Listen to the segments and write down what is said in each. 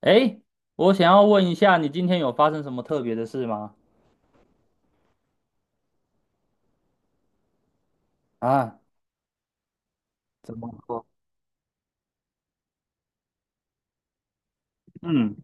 哎，我想要问一下，你今天有发生什么特别的事吗？啊，怎么说？嗯，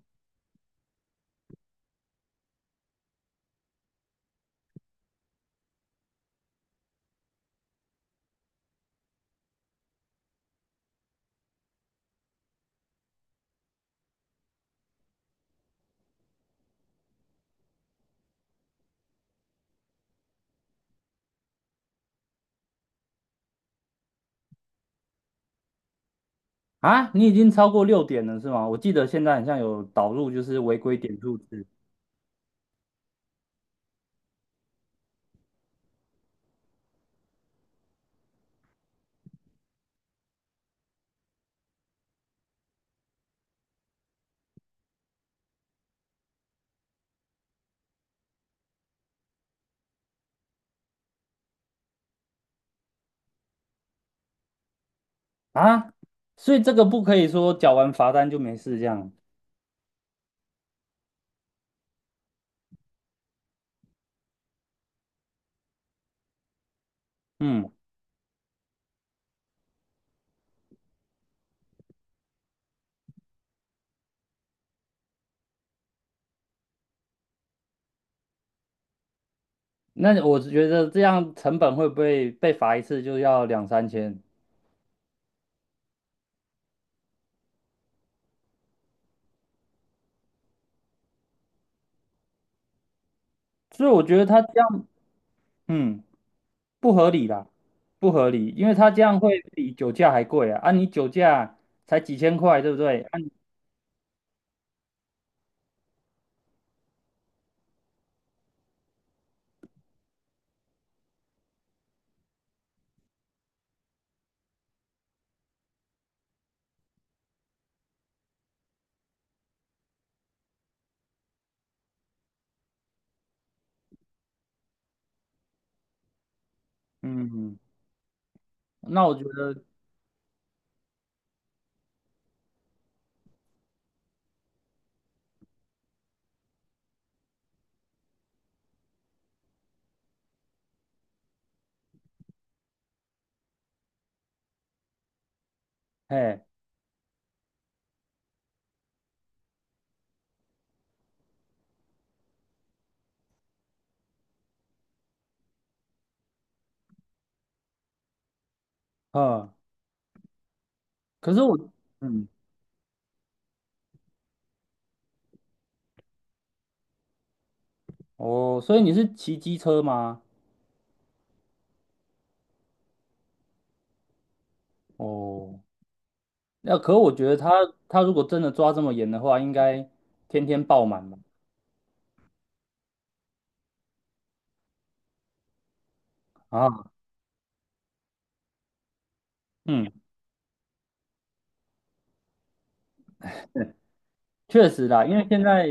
啊，你已经超过6点了是吗？我记得现在好像有导入就是违规点数制啊，所以这个不可以说缴完罚单就没事这样。嗯，那我觉得这样成本会不会被罚一次就要两三千？所以我觉得他这样，嗯，不合理啦，不合理，因为他这样会比酒驾还贵啊。啊，你酒驾才几千块，对不对？啊，嗯。那我觉得，哎，嗯，可是我，嗯，哦，所以你是骑机车吗？哦，那可我觉得他如果真的抓这么严的话，应该天天爆满吧？啊，嗯，确实啦，因为现在，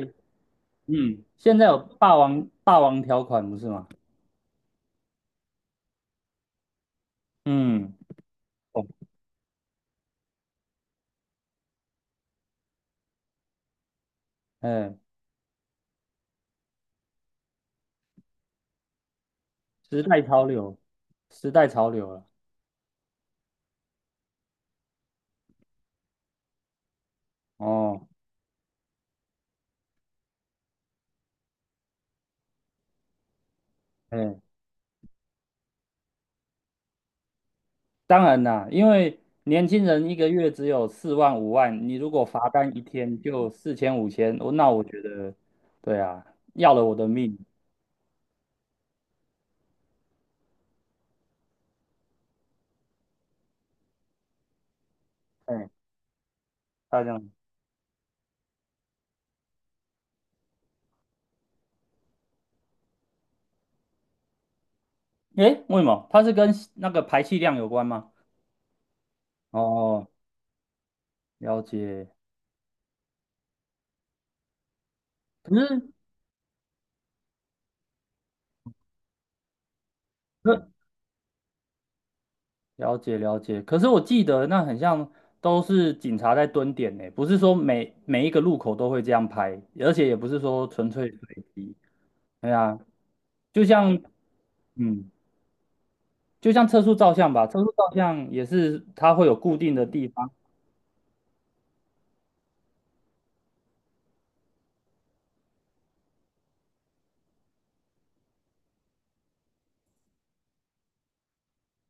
嗯，现在有霸王条款不是吗？嗯，哦，哎，时代潮流，时代潮流了，哦，哎，当然啦，因为年轻人一个月只有四万五万，你如果罚单一天就四千五千，那我觉得，对啊，要了我的命。哎，他这样，诶，为什么？它是跟那个排气量有关吗？哦，了解。可是，可了解了解。可是我记得那很像都是警察在蹲点呢，不是说每一个路口都会这样拍，而且也不是说纯粹随机。对啊，就像，嗯，就像测速照相吧，测速照相也是它会有固定的地方。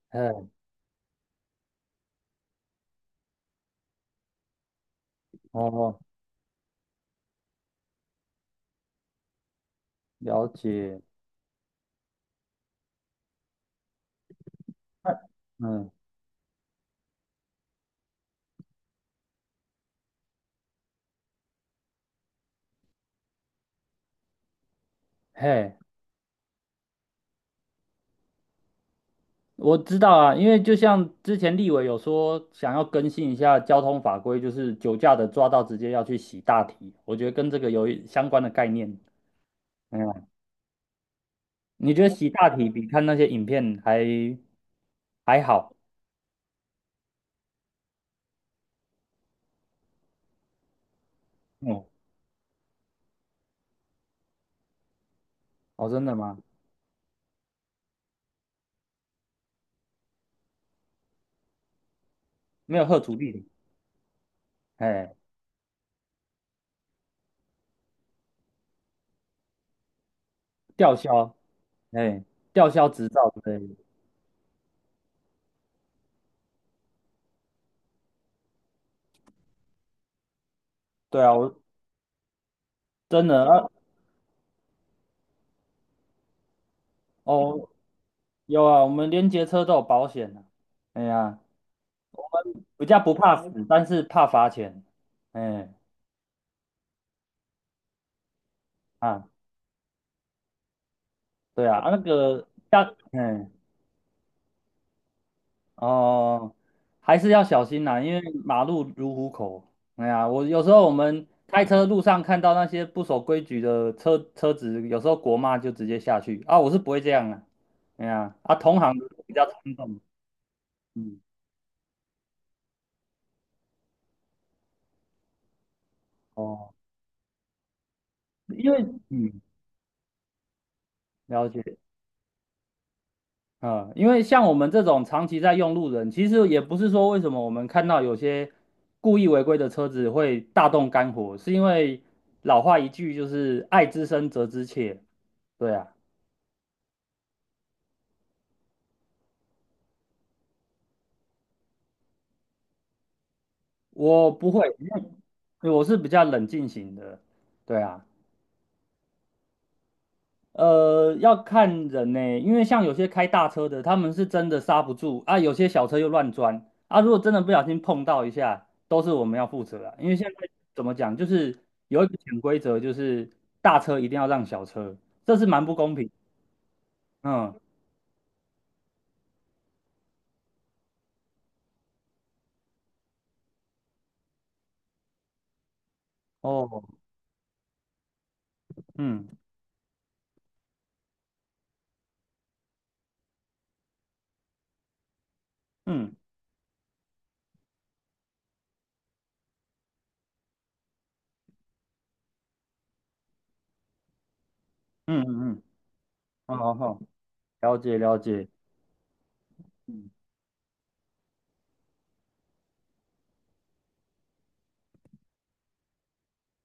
哎，哦，了解。那嗯，嘿，我知道啊，因为就像之前立委有说想要更新一下交通法规，就是酒驾的抓到直接要去洗大体，我觉得跟这个有一相关的概念。嗯，你觉得洗大体比看那些影片还好？嗯，哦，真的吗？没有贺阻力，哎，吊销，哎，吊销执照之类的。对啊，我真的啊，哦，有啊，我们连结车都有保险的。哎呀，回家不怕死，但是怕罚钱。哎啊，对啊，啊那个要，哎哦，还是要小心呐，因为马路如虎口。哎呀，我有时候我们开车路上看到那些不守规矩的车子，有时候国骂就直接下去啊，我是不会这样啊。哎呀，啊，同行的比较冲动。嗯，哦，因为嗯，了解。嗯，因为像我们这种长期在用路人，其实也不是说为什么我们看到有些故意违规的车子会大动肝火，是因为老话一句就是"爱之深，责之切"。对啊，我不会，因为我是比较冷静型的。对啊。要看人呢、因为像有些开大车的，他们是真的刹不住啊，有些小车又乱钻啊。如果真的不小心碰到一下，都是我们要负责啊。因为现在怎么讲，就是有一个潜规则，就是大车一定要让小车，这是蛮不公平。嗯，哦，嗯嗯嗯嗯嗯，好好好，了解了解，嗯，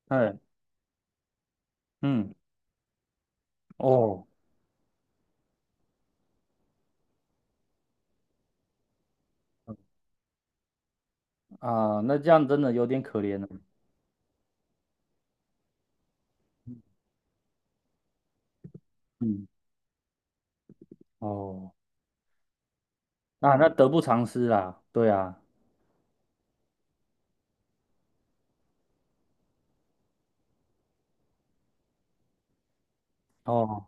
哎，嗯，哦啊，那这样真的有点可怜了。嗯，嗯哦，那得不偿失啦，对啊。哦。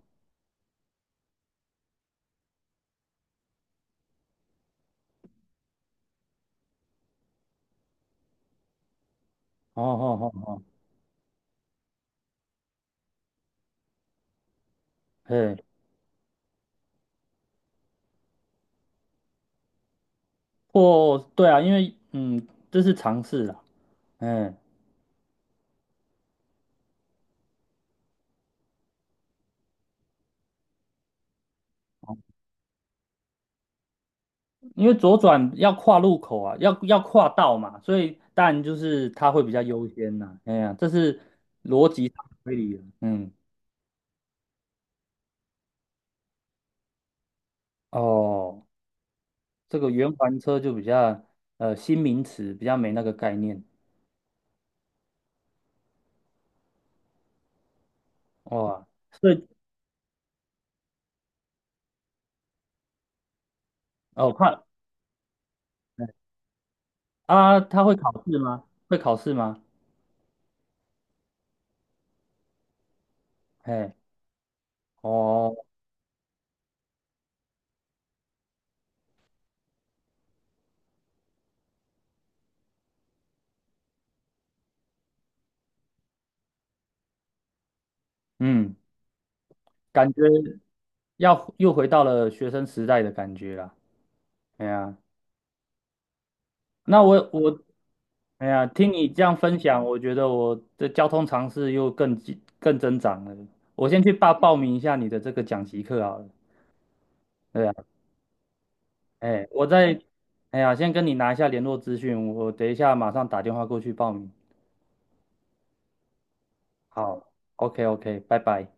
哦哦哦，嘿，或对啊，因为这是尝试啦，嗯，因为左转要跨路口啊，要跨道嘛，所以当然就是它会比较优先呐，哎呀，这是逻辑上推理的，嗯，哦，这个圆环车就比较新名词，比较没那个概念，哇，所以哦怕啊，他会考试吗？会考试吗？哎，哦，嗯，感觉要又回到了学生时代的感觉啦。哎呀，那我哎呀，听你这样分享，我觉得我的交通常识又更增长了。我先去报名一下你的这个讲习课好了。对啊，哎，哎呀，先跟你拿一下联络资讯，我等一下马上打电话过去报名。好，OK OK，拜拜。